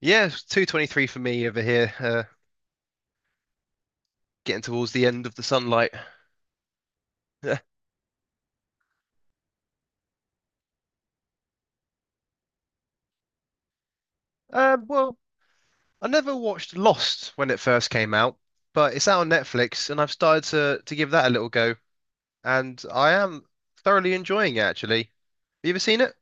Yeah, 2:23 for me over here. Getting towards the end of the sunlight. Yeah. Well, I never watched Lost when it first came out, but it's out on Netflix, and I've started to give that a little go, and I am thoroughly enjoying it actually. Have you ever seen it?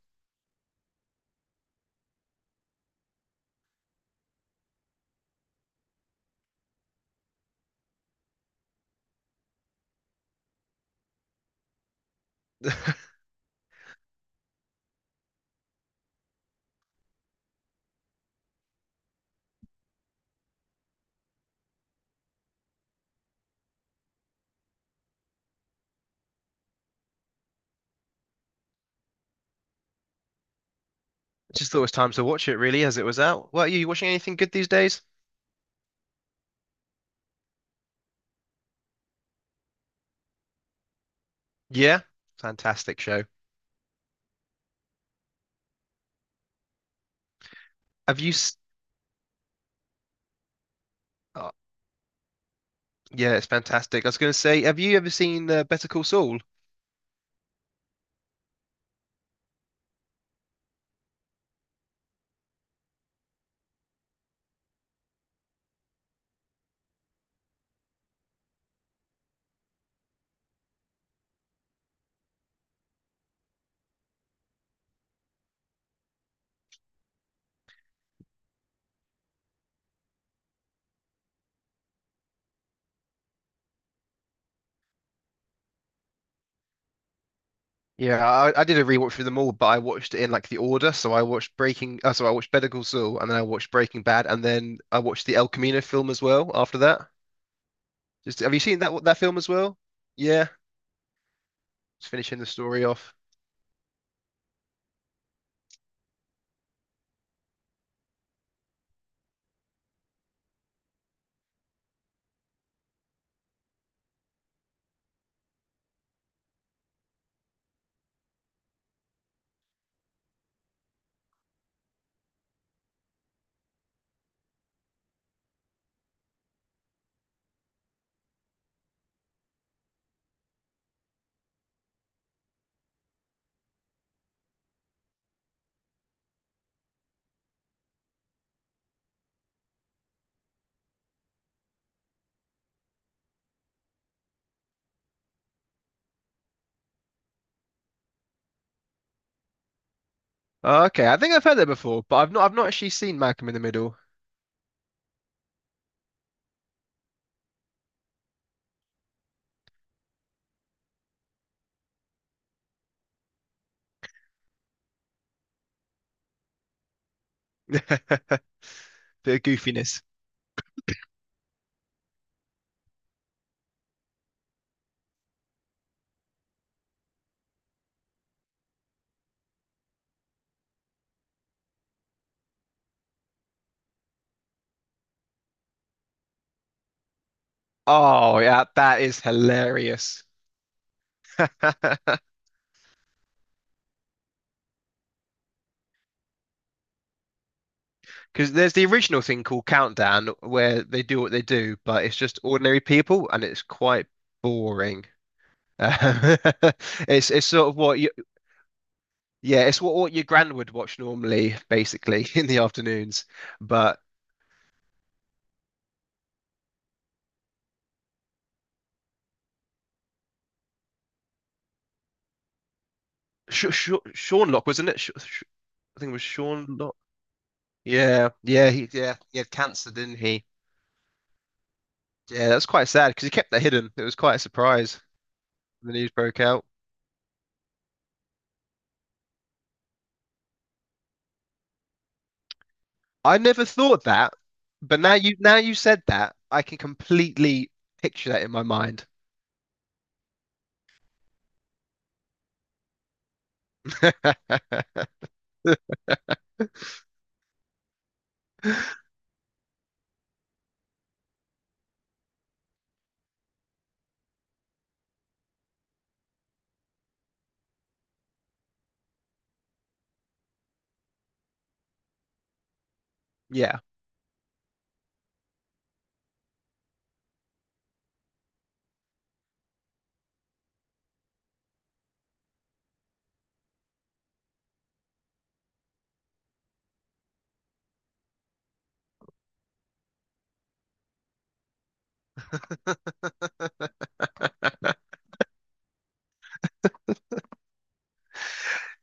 I just thought it was time to watch it really, as it was out. What are you watching anything good these days? Yeah, fantastic show. Have you? Oh, yeah, it's fantastic. I was going to say, have you ever seen Better Call Saul? Yeah, I did a rewatch through them all, but I watched it in like the order. So so I watched Better Call Saul, and then I watched Breaking Bad, and then I watched the El Camino film as well. After that, just have you seen that film as well? Yeah, just finishing the story off. Okay, I think I've heard that before, but I've not actually seen Malcolm in the Middle. Bit of goofiness. Oh yeah, that is hilarious. Because there's the original thing called Countdown, where they do what they do, but it's just ordinary people, and it's quite boring. Um, it's sort of what you Yeah, it's what your gran would watch normally basically in the afternoons, but Sh Sh Sean Lock, wasn't it? Sh Sh I think it was Sean Lock. Yeah, he had cancer, didn't he? Yeah, that's quite sad because he kept that hidden. It was quite a surprise when the news broke out. I never thought that, but now you said that, I can completely picture that in my mind. Yeah,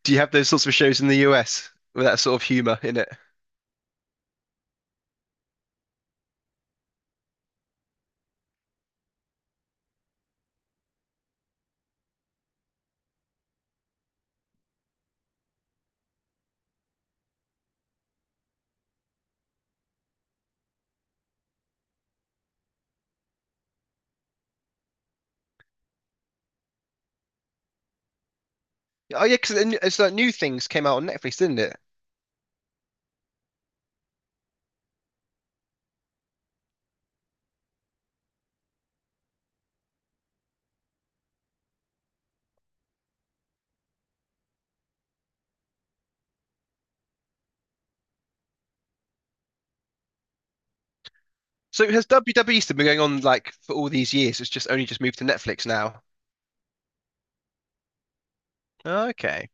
do you have those sorts of shows in the US with that sort of humor in it? Oh yeah, because it's like new things came out on Netflix, didn't it? So has WWE still been going on like for all these years? It's just only just moved to Netflix now. Okay.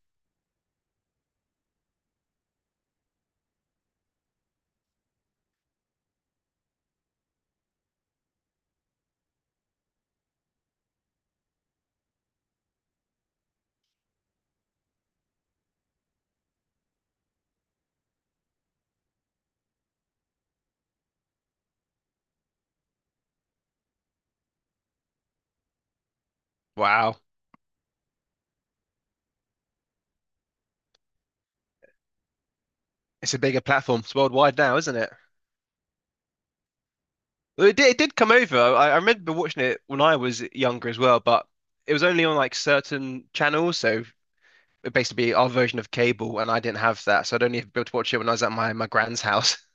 Wow. It's a bigger platform. It's worldwide now, isn't it? Well, it did come over. I remember watching it when I was younger as well, but it was only on like certain channels. So it basically our version of cable, and I didn't have that, so I'd only be able to watch it when I was at my grand's house.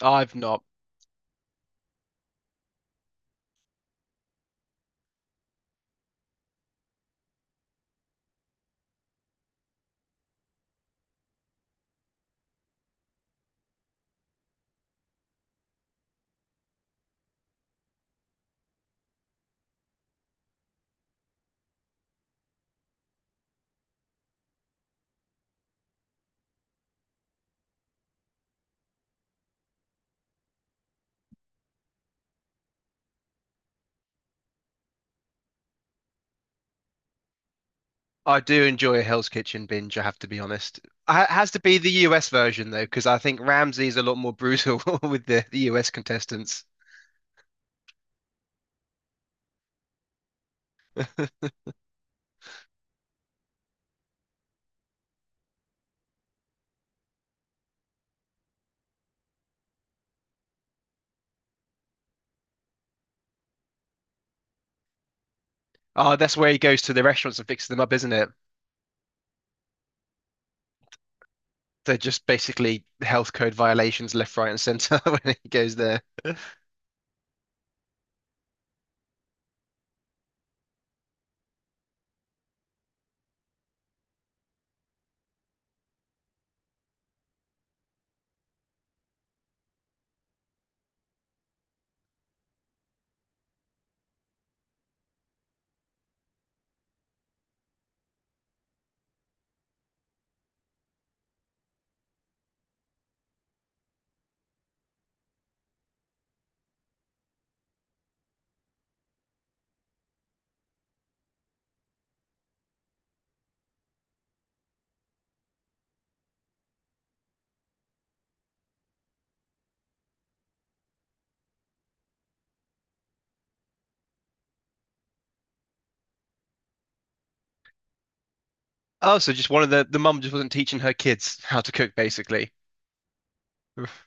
I've not. I do enjoy a Hell's Kitchen binge, I have to be honest. Has to be the US version though, because I think Ramsay's a lot more brutal with the US contestants. Oh, that's where he goes to the restaurants and fixes them up, isn't it? They're just basically health code violations left, right, and center when he goes there. Oh, so just one of the mum just wasn't teaching her kids how to cook, basically. Oof.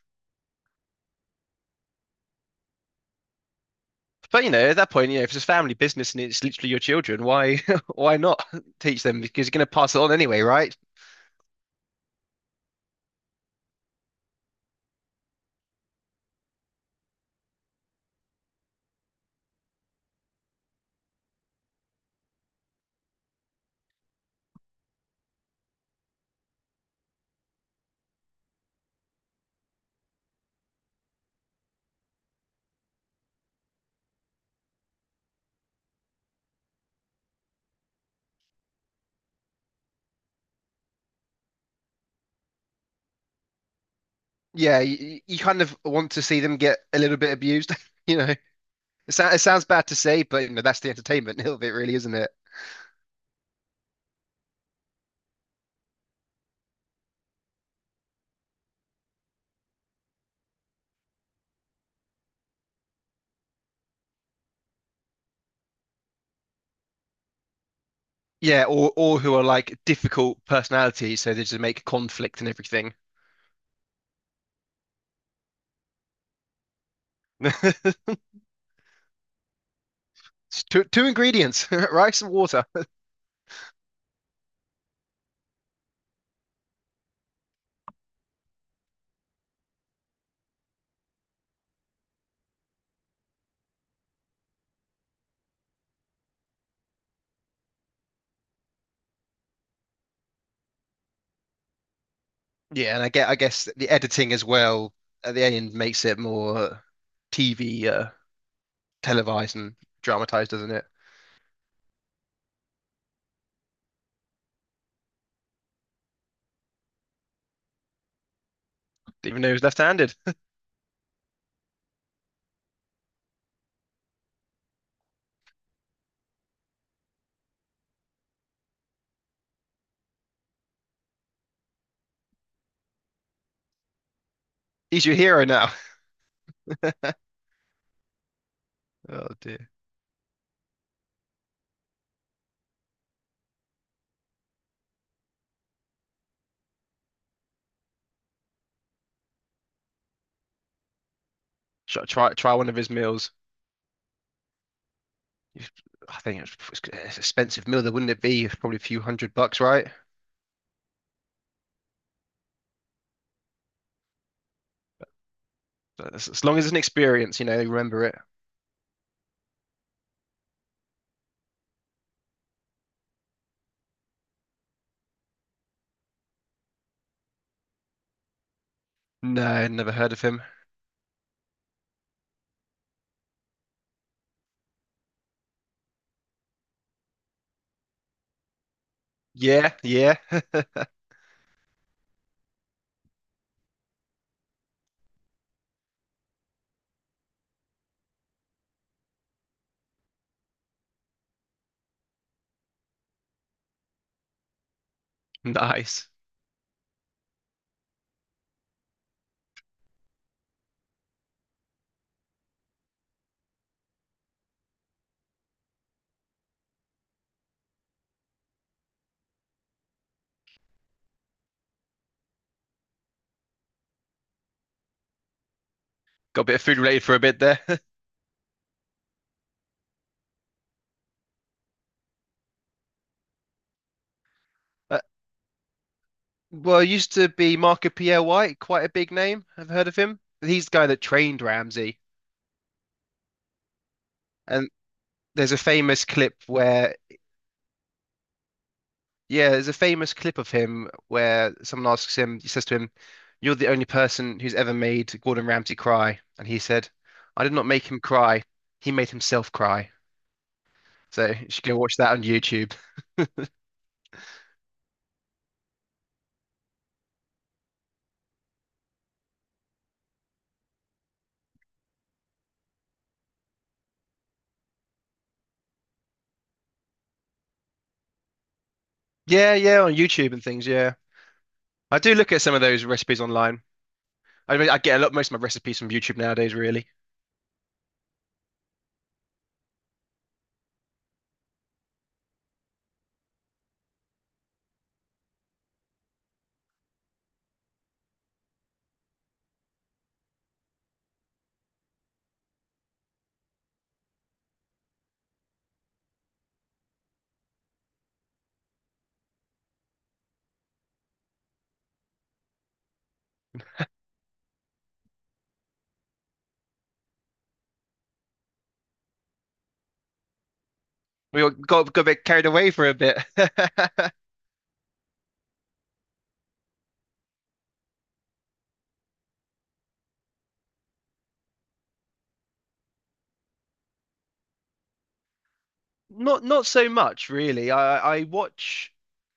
But you know, at that point, you know, if it's a family business and it's literally your children, why why not teach them? Because you're going to pass it on anyway, right? Yeah, you kind of want to see them get a little bit abused, you know. It sounds bad to say, but you know, that's the entertainment of it, really, isn't it? Yeah, or who are like difficult personalities, so they just make conflict and everything. It's two ingredients, rice and water. Yeah, and I guess the editing as well at the end makes it more TV televised and dramatized, doesn't it? Even though he's left-handed, he's your hero now. Oh dear. Try one of his meals. I think it's an expensive meal, though, wouldn't it be? Probably a few $100s, right? But as long as it's an experience, you know, you remember it. No, never heard of him. Yeah, yeah, nice. Got a bit of food related for a bit there. Uh, Well, it used to be Marco Pierre White, quite a big name. I've heard of him. He's the guy that trained Ramsey. And there's a famous clip where, yeah, there's a famous clip of him where someone asks him, he says to him, "You're the only person who's ever made Gordon Ramsay cry." And he said, "I did not make him cry. He made himself cry." So you should go watch that on YouTube. Yeah, yeah, on YouTube and things. Yeah, I do look at some of those recipes online. I mean, I get a lot most of my recipes from YouTube nowadays, really. We all Got a bit carried away for a bit. Not not so much, really. I watch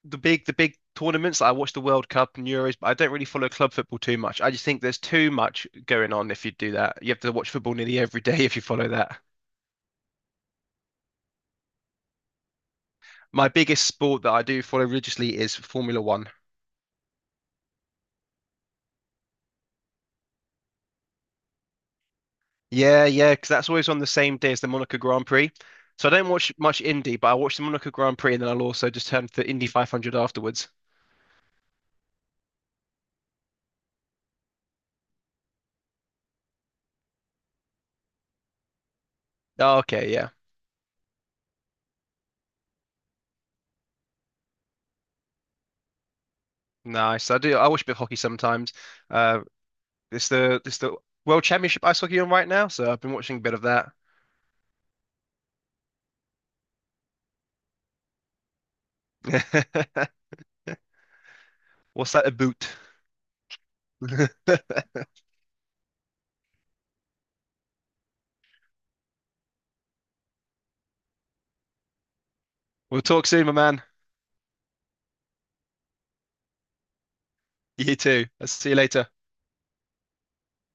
the big tournaments, like I watch the World Cup and Euros, but I don't really follow club football too much. I just think there's too much going on if you do that. You have to watch football nearly every day if you follow that. My biggest sport that I do follow religiously is Formula One. Yeah, yeah, because that's always on the same day as the Monaco Grand Prix. So I don't watch much Indy, but I watch the Monaco Grand Prix and then I'll also just turn to Indy 500 afterwards. Oh, okay, yeah, nice. I do. I watch a bit of hockey sometimes. Uh, it's the World Championship ice hockey on right now, so I've been watching a bit of that. What's that about? We'll talk soon, my man. You too. I'll see you later.